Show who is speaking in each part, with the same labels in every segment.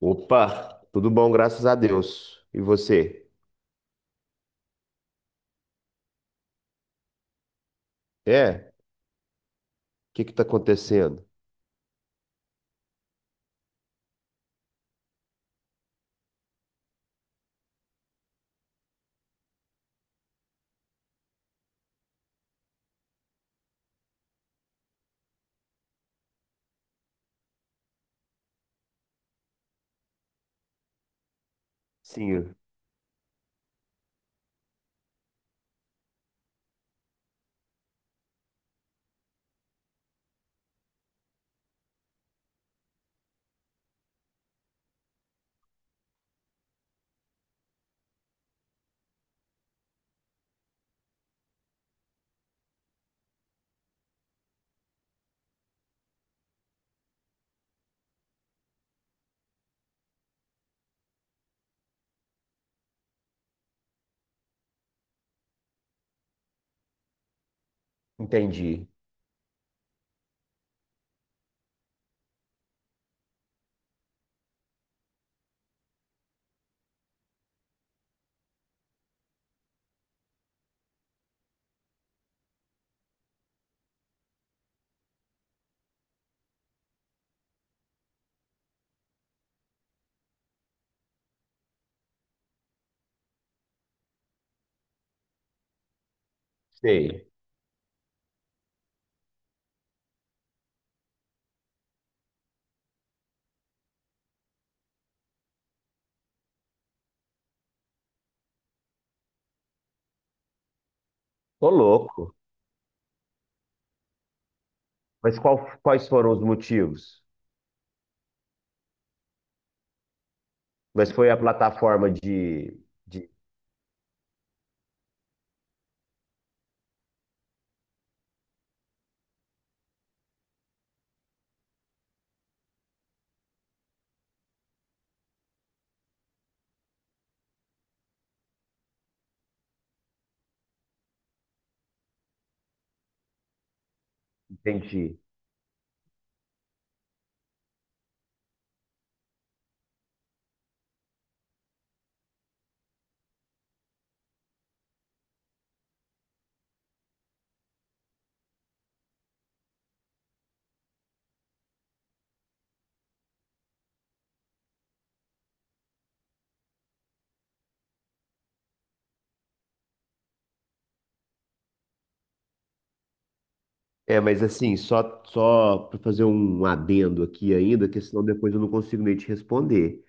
Speaker 1: Opa, tudo bom, graças a Deus. E você? É? O que que tá acontecendo? Sim, entendi. Sei. Ô, louco. Mas quais foram os motivos? Mas foi a plataforma de... Entendi. É, mas assim, só para fazer um adendo aqui ainda, que senão depois eu não consigo nem te responder.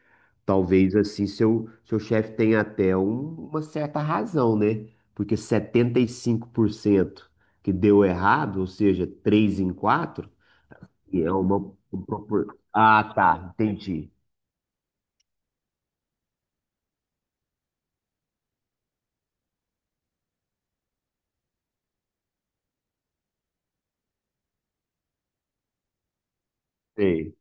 Speaker 1: Talvez assim seu chefe tenha até uma certa razão, né? Porque 75% que deu errado, ou seja, 3 em 4, é uma Ah, tá, entendi. Sei,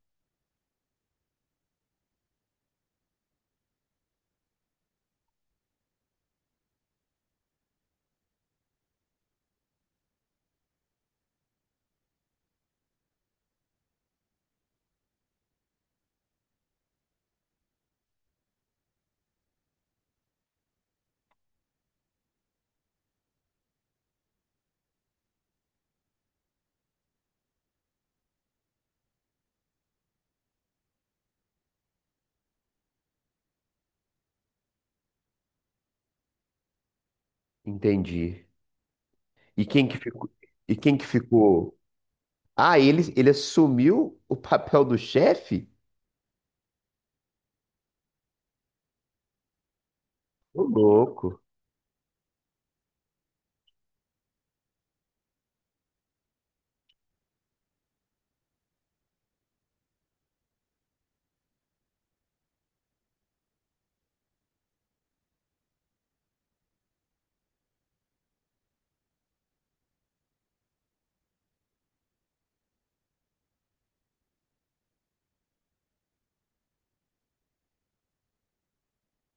Speaker 1: entendi. E quem que ficou? E quem que ficou? Ah, ele assumiu o papel do chefe? Ô, louco.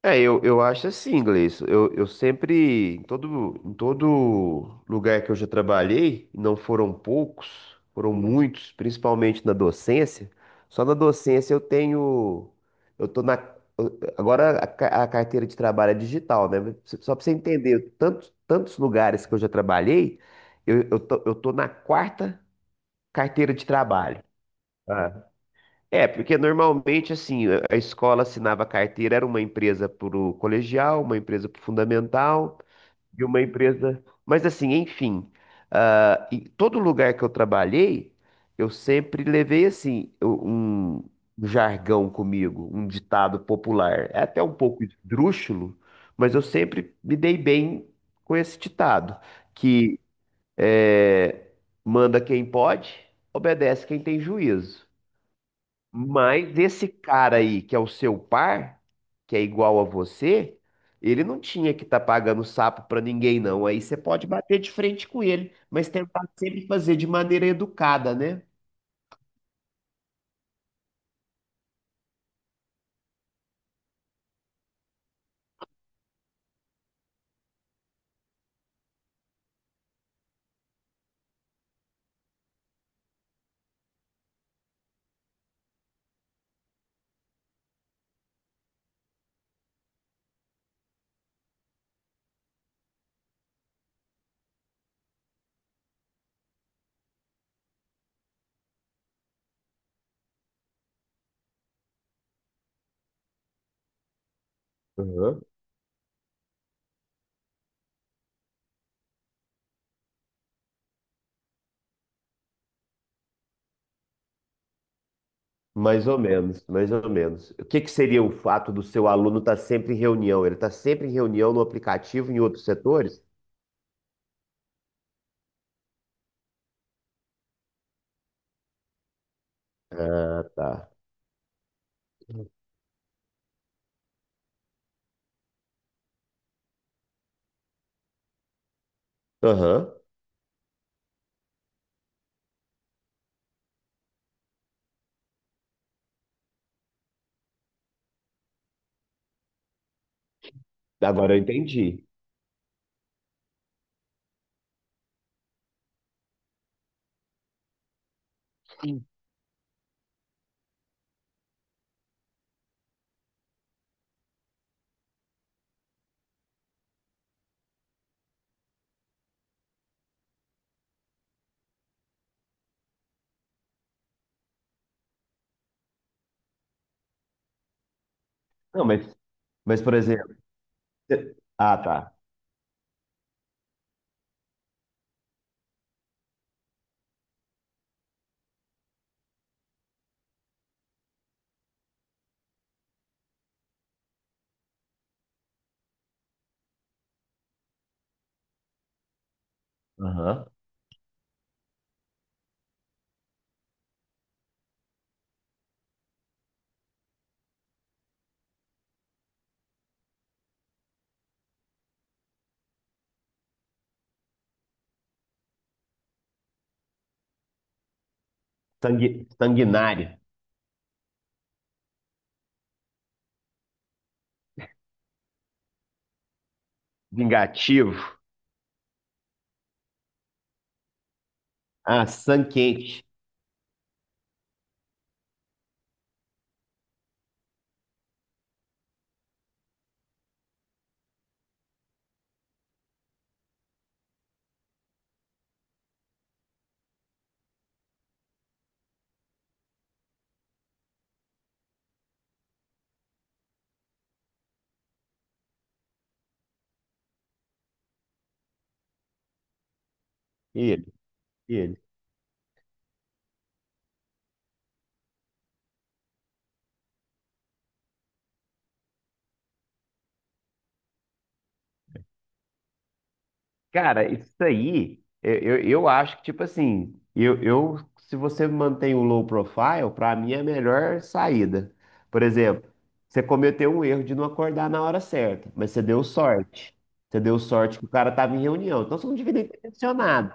Speaker 1: É, eu acho assim, inglês. Eu sempre, em em todo lugar que eu já trabalhei, e não foram poucos, foram muitos, principalmente na docência. Só na docência eu tenho, eu tô na, agora a carteira de trabalho é digital, né? Só pra você entender, tantos lugares que eu já trabalhei, eu tô na quarta carteira de trabalho. É, porque normalmente, assim, a escola assinava carteira, era uma empresa para o colegial, uma empresa para o fundamental e uma empresa. Mas, assim, enfim, ah, em todo lugar que eu trabalhei, eu sempre levei, assim, um jargão comigo, um ditado popular. É até um pouco esdrúxulo, mas eu sempre me dei bem com esse ditado, que é, manda quem pode, obedece quem tem juízo. Mas esse cara aí, que é o seu par, que é igual a você, ele não tinha que estar pagando sapo pra ninguém, não. Aí você pode bater de frente com ele, mas tentar sempre fazer de maneira educada, né? Aham. Mais ou menos, mais ou menos. O que que seria o fato do seu aluno estar sempre em reunião? Ele está sempre em reunião no aplicativo, em outros setores? Ah, tá. Aham. Agora eu entendi. Sim. Não, mas por exemplo. Ah, tá. Aham. Sanguinário. Vingativo. Ah, sangue quente. Ele, ele. Cara, isso aí, eu acho que, tipo assim, eu, se você mantém o low profile, pra mim é a melhor saída. Por exemplo, você cometeu um erro de não acordar na hora certa, mas você deu sorte. Você deu sorte que o cara tava em reunião, então você não devia nem ter mencionado.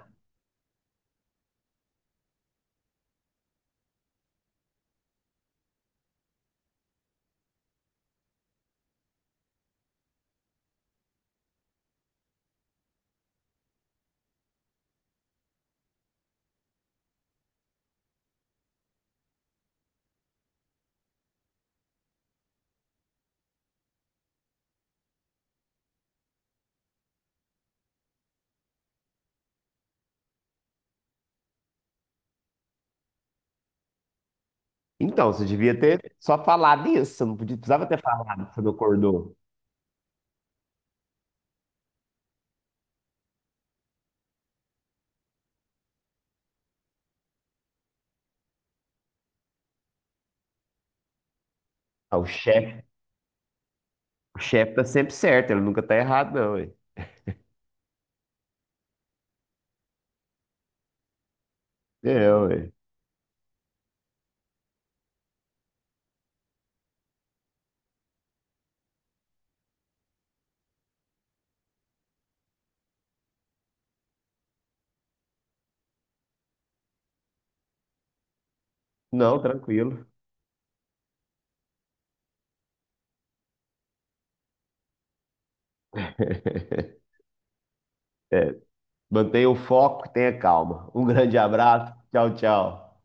Speaker 1: Então, você devia ter só falado isso, você não precisava ter falado que você não acordou. Ah, o chefe tá sempre certo, ele nunca tá errado, não, ué. É, ué. Não, tranquilo. É, mantenha o foco, tenha calma. Um grande abraço. Tchau, tchau.